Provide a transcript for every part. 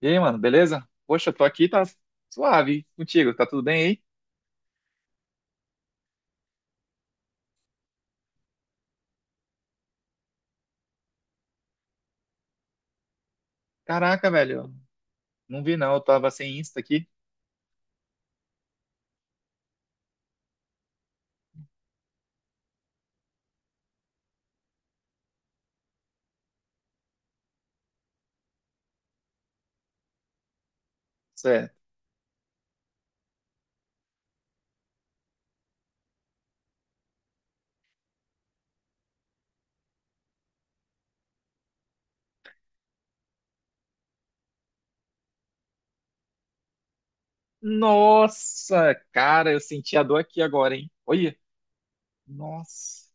E aí, mano, beleza? Poxa, eu tô aqui, tá suave hein? Contigo, tá tudo bem aí? Caraca, velho, não vi não, eu tava sem Insta aqui. Cê- Nossa, cara, eu senti a dor aqui agora, hein? Olha, nossa.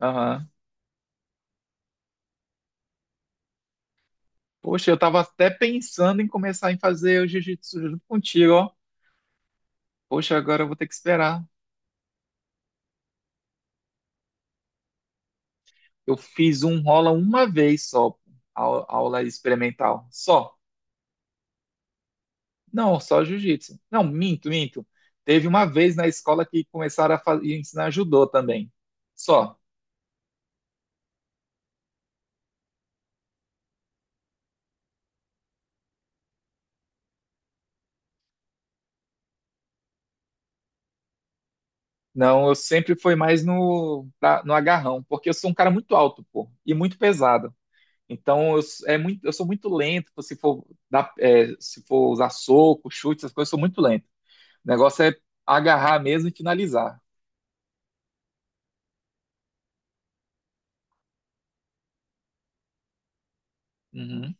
Aham. Poxa, eu tava até pensando em começar em fazer o jiu-jitsu junto contigo, ó. Poxa, agora eu vou ter que esperar. Eu fiz um rola uma vez só, aula experimental, só. Não, só jiu-jitsu. Não, minto, minto. Teve uma vez na escola que começaram a ensinar judô também. Só. Não, eu sempre fui mais no, no agarrão, porque eu sou um cara muito alto, pô, e muito pesado. Então é muito, eu sou muito lento, pô, se for dar, é, se for usar soco, chute, essas coisas, eu sou muito lento. O negócio é agarrar mesmo e finalizar. Uhum.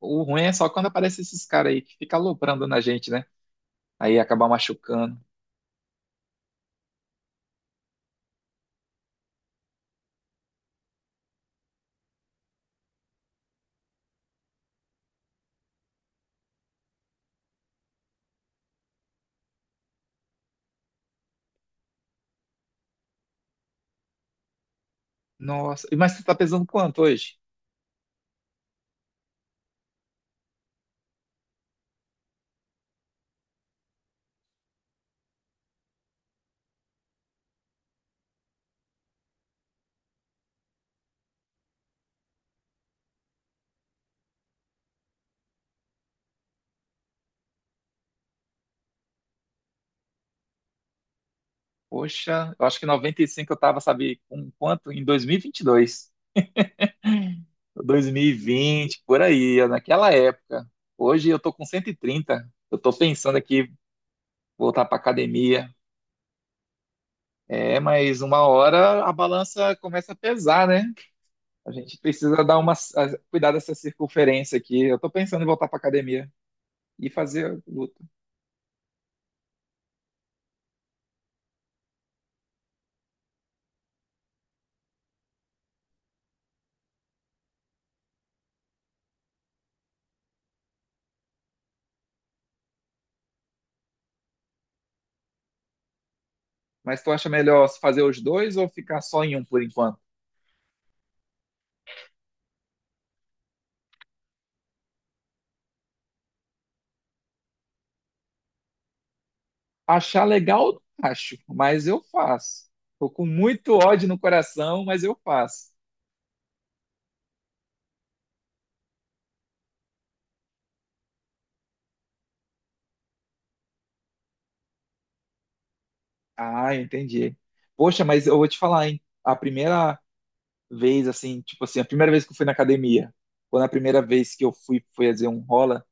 O ruim é só quando aparece esses caras aí que ficam aloprando na gente, né? Aí acabar machucando. Nossa, e mas você tá pesando quanto hoje? Poxa, eu acho que 95 eu tava, sabe, com quanto? Em 2022. 2020, por aí, naquela época. Hoje eu tô com 130. Eu tô pensando aqui voltar pra academia. É, mas uma hora a balança começa a pesar, né? A gente precisa dar uma cuidar dessa circunferência aqui. Eu tô pensando em voltar pra academia e fazer luta. Mas tu acha melhor fazer os dois ou ficar só em um por enquanto? Achar legal, eu não acho, mas eu faço. Tô com muito ódio no coração, mas eu faço. Ah, entendi. Poxa, mas eu vou te falar, hein? A primeira vez, assim, tipo assim, a primeira vez que eu fui na academia, quando a primeira vez que eu fui, foi fazer um rola,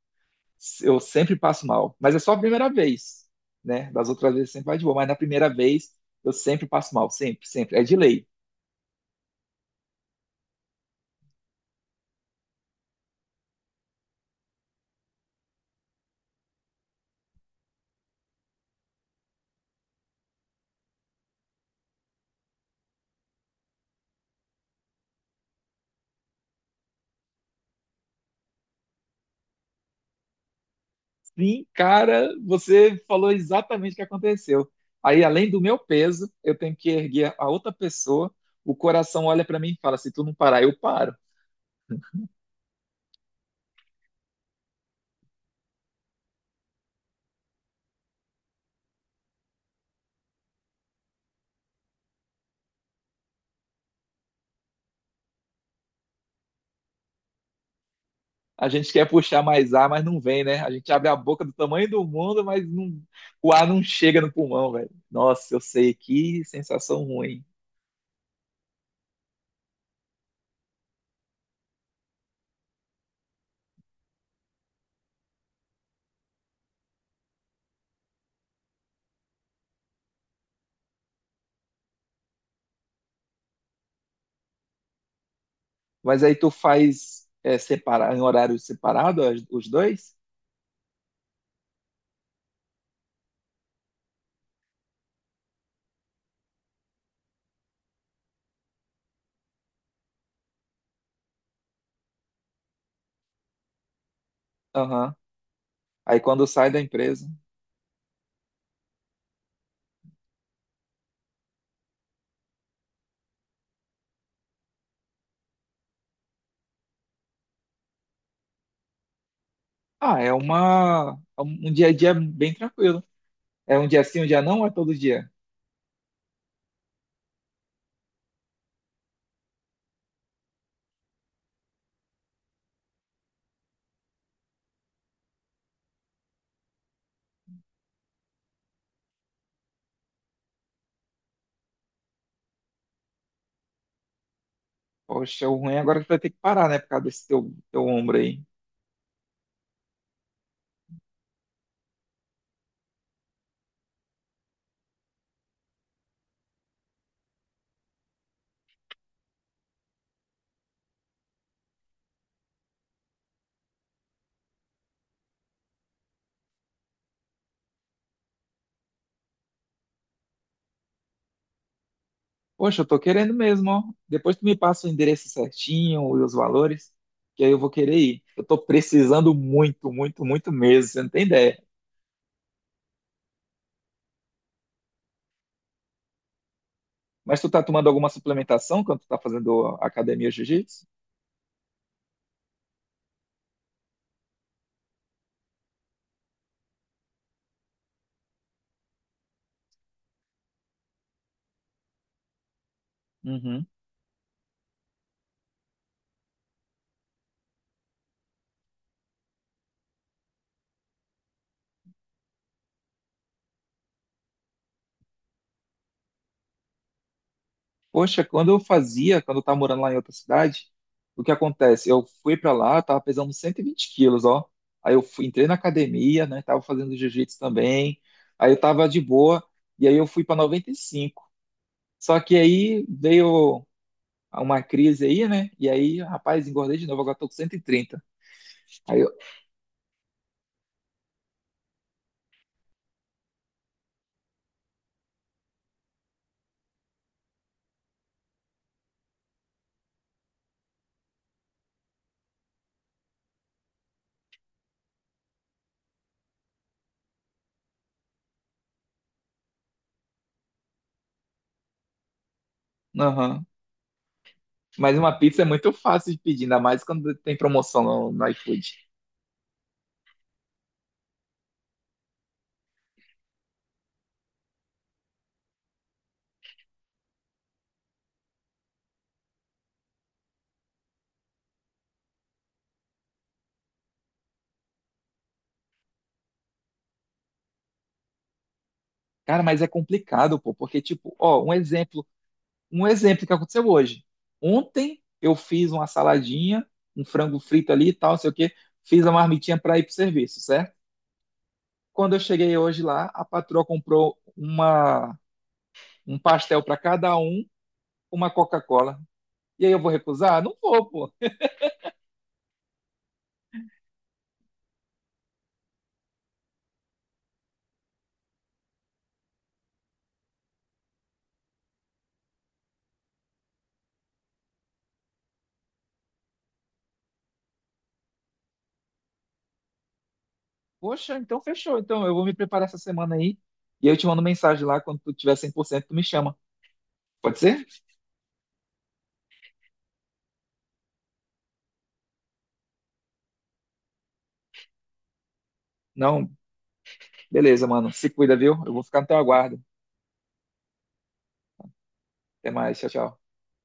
eu sempre passo mal. Mas é só a primeira vez, né? Das outras vezes sempre vai de boa, mas na primeira vez eu sempre passo mal, sempre, sempre. É de lei. Sim, cara, você falou exatamente o que aconteceu. Aí, além do meu peso, eu tenho que erguer a outra pessoa. O coração olha para mim e fala: se tu não parar, eu paro. A gente quer puxar mais ar, mas não vem, né? A gente abre a boca do tamanho do mundo, mas não, o ar não chega no pulmão, velho. Nossa, eu sei que sensação ruim. Mas aí tu faz é, separar, em horário separado os dois? Aham. Aí quando sai da empresa. Ah, é uma, um dia a dia bem tranquilo. É um dia sim, um dia não, ou é todo dia? Poxa, o ruim agora é que tu vai ter que parar, né, por causa desse teu ombro aí. Poxa, eu tô querendo mesmo, ó. Depois tu me passa o endereço certinho e os valores, que aí eu vou querer ir. Eu tô precisando muito, muito, muito mesmo, você não tem ideia. Mas tu tá tomando alguma suplementação quando tu tá fazendo academia jiu-jitsu? Uhum. Poxa, quando eu fazia, quando eu tava morando lá em outra cidade, o que acontece? Eu fui pra lá, tava pesando 120 quilos, ó. Aí eu fui, entrei na academia, né? Tava fazendo jiu-jitsu também. Aí eu tava de boa, e aí eu fui pra 95. Só que aí veio uma crise aí, né? E aí, rapaz, engordei de novo, agora tô com 130. Aí eu, aham. Mas uma pizza é muito fácil de pedir, ainda mais quando tem promoção no iFood. Cara, mas é complicado, pô, porque, tipo, ó, um exemplo que aconteceu hoje. Ontem eu fiz uma saladinha, um frango frito ali e tal, não sei o quê, fiz a marmitinha para ir pro serviço, certo? Quando eu cheguei hoje lá, a patroa comprou uma, um pastel para cada um, uma Coca-Cola. E aí eu vou recusar? Não vou, pô. Poxa, então fechou. Então eu vou me preparar essa semana aí e eu te mando mensagem lá quando tu tiver 100%, tu me chama. Pode ser? Não? Beleza, mano. Se cuida, viu? Eu vou ficar no teu aguardo. Até mais. Tchau, tchau.